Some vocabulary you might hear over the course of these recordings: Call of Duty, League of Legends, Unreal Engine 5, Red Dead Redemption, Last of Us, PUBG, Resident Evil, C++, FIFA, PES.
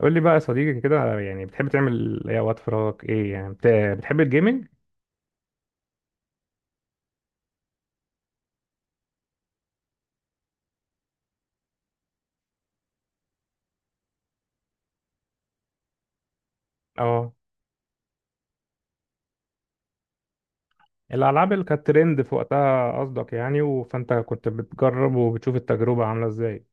قول لي بقى يا صديقي كده، يعني بتحب تعمل ايه وقت فراغك؟ ايه يعني بتحب الجيمنج؟ اه. الالعاب اللي كانت ترند في وقتها قصدك يعني، فانت كنت بتجرب وبتشوف التجربه عامله ازاي؟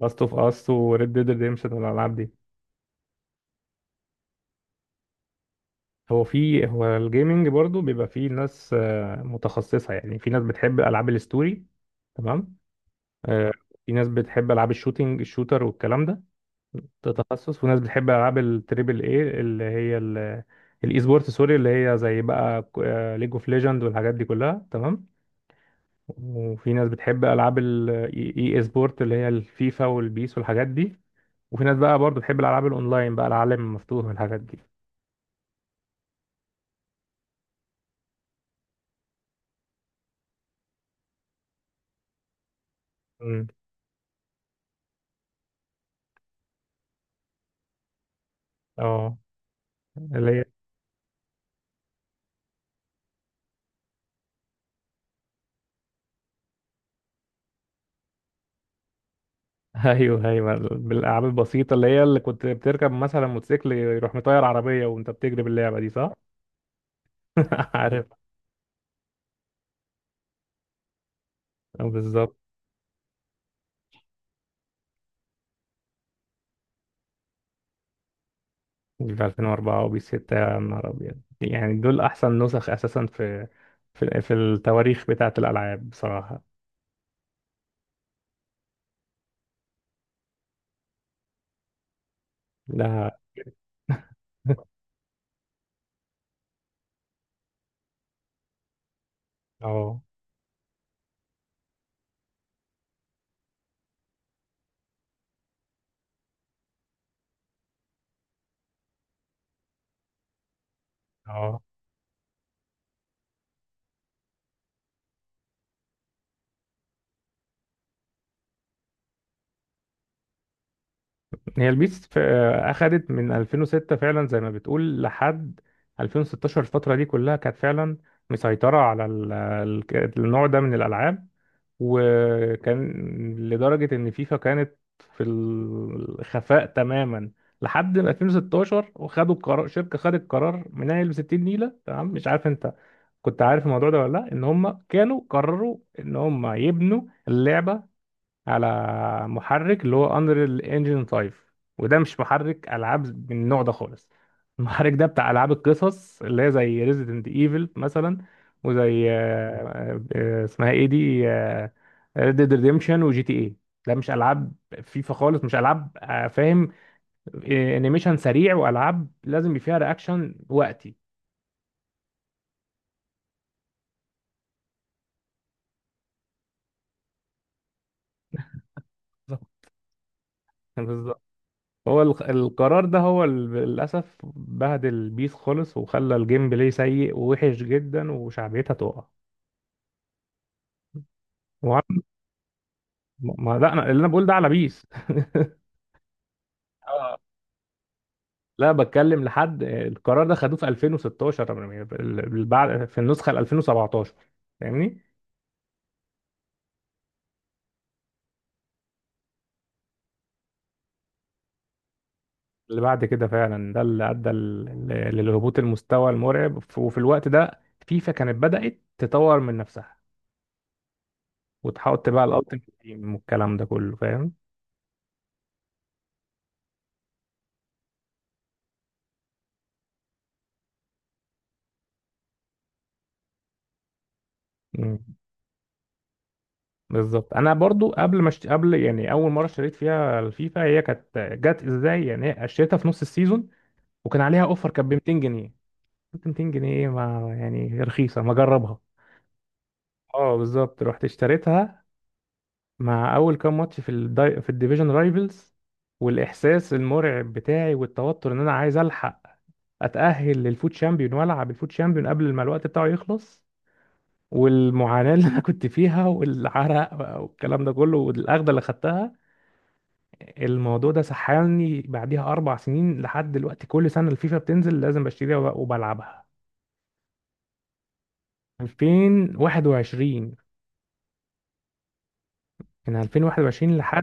لاست اوف اس وريد ديد ريديمشن والالعاب دي؟ هو الجيمنج برضو بيبقى فيه ناس متخصصه. يعني في ناس بتحب العاب الستوري، تمام. آه، في ناس بتحب العاب الشوتينج الشوتر والكلام ده. ده تخصص، وناس بتحب العاب التريبل اي اللي هي الاي سبورت، سوري، اللي هي زي بقى ليج اوف ليجند والحاجات دي كلها، تمام. وفي ناس بتحب العاب الاي سبورت اللي هي الفيفا والبيس والحاجات دي. وفي ناس بقى برضو بتحب الالعاب الاونلاين بقى، العالم المفتوح والحاجات دي. امم اه، اللي هي ايوه، ايوه، بالالعاب البسيطه، اللي هي اللي كنت بتركب مثلا موتوسيكل يروح مطير عربيه وانت بتجري باللعبه دي، صح؟ عارف؟ بالظبط. وبيف 2004 وبيف 6، يا نهار أبيض، يعني دول أحسن نسخ أساسا في في التواريخ بتاعة الألعاب بصراحة. لا. اه، اه. هي البيس أخدت من 2006 فعلا زي ما بتقول لحد 2016. الفترة دي كلها كانت فعلا مسيطرة على النوع ده من الألعاب. وكان لدرجة إن فيفا كانت في الخفاء تماما لحد ما 2016، وخدوا القرار. شركة خدت قرار منيل ب 60 نيلة، تمام. مش عارف أنت كنت عارف الموضوع ده ولا لأ؟ إن هم كانوا قرروا إن هم يبنوا اللعبة على محرك اللي هو انريل انجن 5، وده مش محرك العاب من النوع ده خالص. المحرك ده بتاع العاب القصص اللي هي زي ريزيدنت ايفل مثلا، وزي اسمها ايه دي، ريد ديد ريديمشن وجي تي اي. ده مش العاب فيفا خالص، مش العاب. فاهم؟ انيميشن سريع، والعاب لازم يبقى فيها رياكشن وقتي، بالظبط. هو القرار ده هو للأسف بهدل البيس خالص، وخلى الجيم بلاي سيء ووحش جدا، وشعبيتها تقع. وعن- ما لا، أنا بقول ده على بيس. اه، لا، بتكلم لحد القرار ده خدوه في 2016، بعد في النسخة ال 2017، فاهمني؟ اللي بعد كده فعلا، ده اللي أدى للهبوط المستوى المرعب. وفي الوقت ده فيفا كانت بدأت تطور من نفسها وتحط بقى الألتيميت تيم والكلام ده كله، فاهم؟ مم. بالظبط. انا برضو قبل ما قبل، يعني اول مره اشتريت فيها الفيفا، هي كانت جت ازاي يعني؟ هي اشتريتها في نص السيزون، وكان عليها اوفر، كانت ب 200 جنيه. قلت 200 جنيه إيه؟ ما يعني رخيصه، ما اجربها. اه، بالظبط، رحت اشتريتها. مع اول كام ماتش في في الديفيجن رايفلز، والاحساس المرعب بتاعي والتوتر ان انا عايز الحق اتاهل للفوت شامبيون والعب الفوت شامبيون قبل ما الوقت بتاعه يخلص، والمعاناه اللي انا كنت فيها، والعرق بقى والكلام ده كله، والاخده اللي خدتها. الموضوع ده سحلني بعديها 4 سنين لحد دلوقتي، كل سنه الفيفا بتنزل لازم بشتريها، وبلعبها. 2021. من 2021 لحد.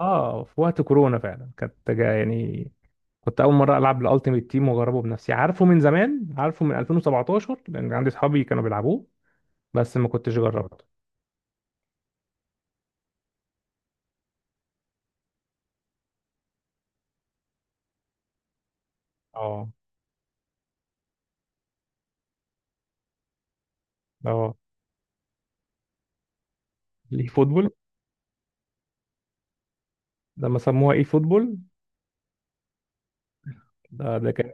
اه، في وقت كورونا فعلا كانت يعني كنت اول مره العب الالتيميت تيم واجربه بنفسي. عارفه من زمان، عارفه من 2017، لان عندي اصحابي كانوا بيلعبوه، بس ما كنتش جربته. اه، اه. الاي فوتبول. لما سموها اي فوتبول، ده كان.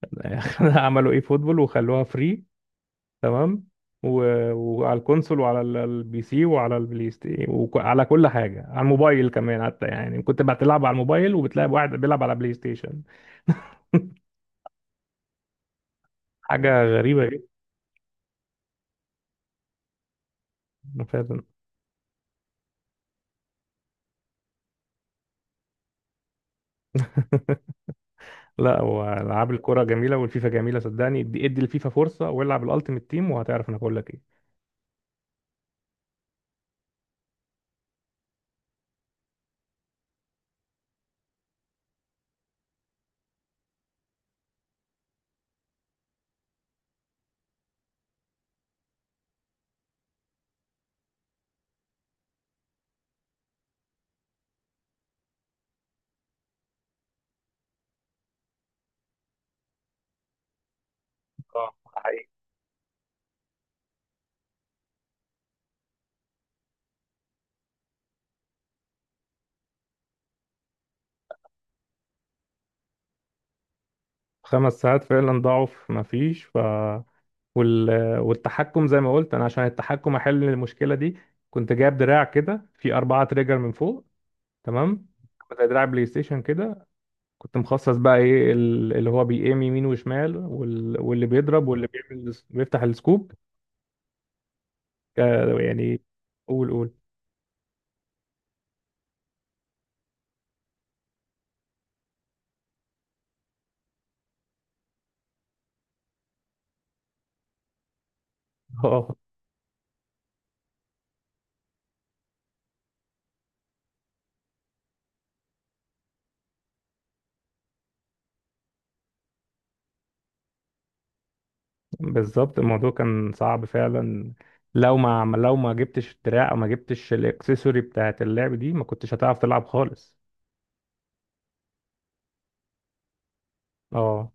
عملوا اي فوتبول وخلوها فري، تمام، وعلى الكونسول وعلى البي سي وعلى البلاي ستيشن وعلى كل حاجه، على الموبايل كمان حتى، يعني كنت بتلعب على الموبايل وبتلاقي واحد بيلعب على بلاي ستيشن. حاجه غريبه جدا فعلا. لا، والعاب الكره جميله، والفيفا جميله، صدقني. ادي ادي الفيفا فرصه والعب الالتيميت تيم وهتعرف انا بقول لك ايه. آه. خمس ساعات فعلا ضاعوا في ما فيش. وال... والتحكم زي ما قلت انا. عشان التحكم احل المشكله دي كنت جايب دراع كده في 4 تريجر من فوق. تمام، زي دراع بلاي ستيشن كده. كنت مخصص بقى ايه اللي هو بيقيم يمين وشمال، واللي بيضرب واللي بيعمل بيفتح السكوب. يعني قول قول. اه، بالظبط، الموضوع كان صعب فعلا. لو ما جبتش الدراع او ما جبتش الاكسسوري بتاعت اللعب دي، ما كنتش هتعرف تلعب خالص. اه،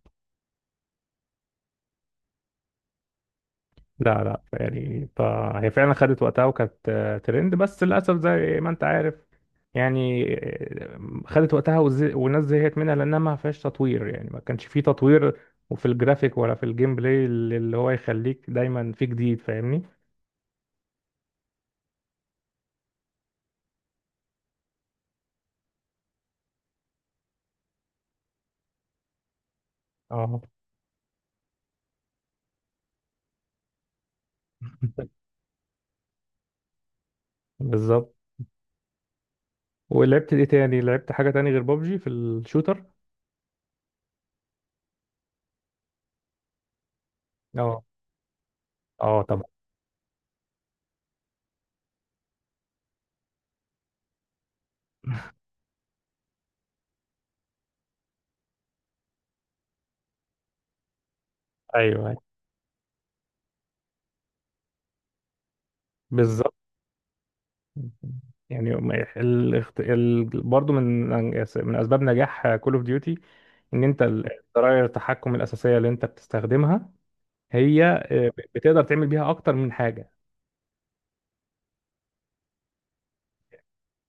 لا، لا، يعني، فهي فعلا خدت وقتها، وكانت ترند، بس للأسف زي ما أنت عارف يعني. آه، خدت وقتها، والناس زهقت منها لأنها ما فيهاش تطوير، يعني ما كانش فيه تطوير وفي الجرافيك ولا في الجيم بلاي اللي هو يخليك دايما في جديد، فاهمني؟ اه، بالظبط. ولعبت ايه تاني؟ لعبت حاجة تاني غير بابجي في الشوتر؟ اه، اه، طبعا. ايوه، أيوه. بالظبط. يعني برضه من اسباب نجاح كول اوف ديوتي ان انت، زراير التحكم الاساسيه اللي انت بتستخدمها هي بتقدر تعمل بيها اكتر من حاجه.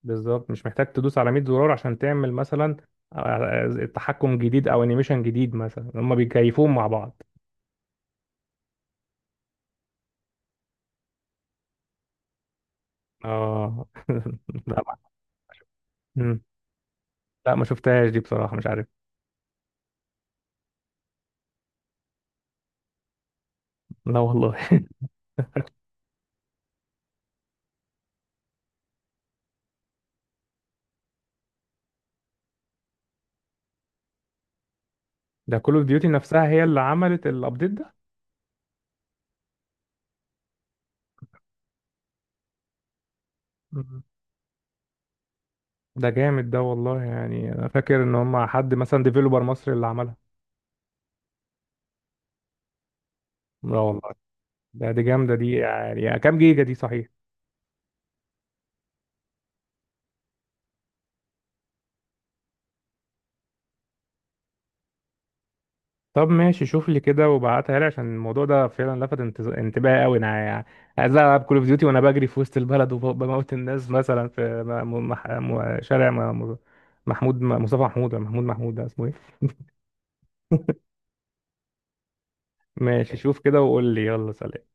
بالظبط، مش محتاج تدوس على 100 زرار عشان تعمل مثلا آه، تحكم جديد او انيميشن جديد مثلا، هما بيكيفوهم مع بعض. اه. لا ما مم. لا ما شفتهاش دي بصراحه، مش عارف. لا والله. ده كول اوف ديوتي نفسها هي اللي عملت الابديت ده. ده جامد ده، والله، يعني انا فاكر ان هم حد مثلا ديفيلوبر مصري اللي عملها. لا والله. دي جامده دي، يعني كام جيجا دي صحيح؟ طب ماشي، شوف لي كده وبعتها لي. عشان الموضوع ده فعلا لفت انتباهي قوي. انا يعني عايز العب كول اوف ديوتي وانا بجري في وسط البلد وبموت الناس مثلا في شارع محمود مصطفى محمود ولا محمود محمود، ده اسمه ايه؟ ماشي، شوف كده وقول لي، يلا سلام.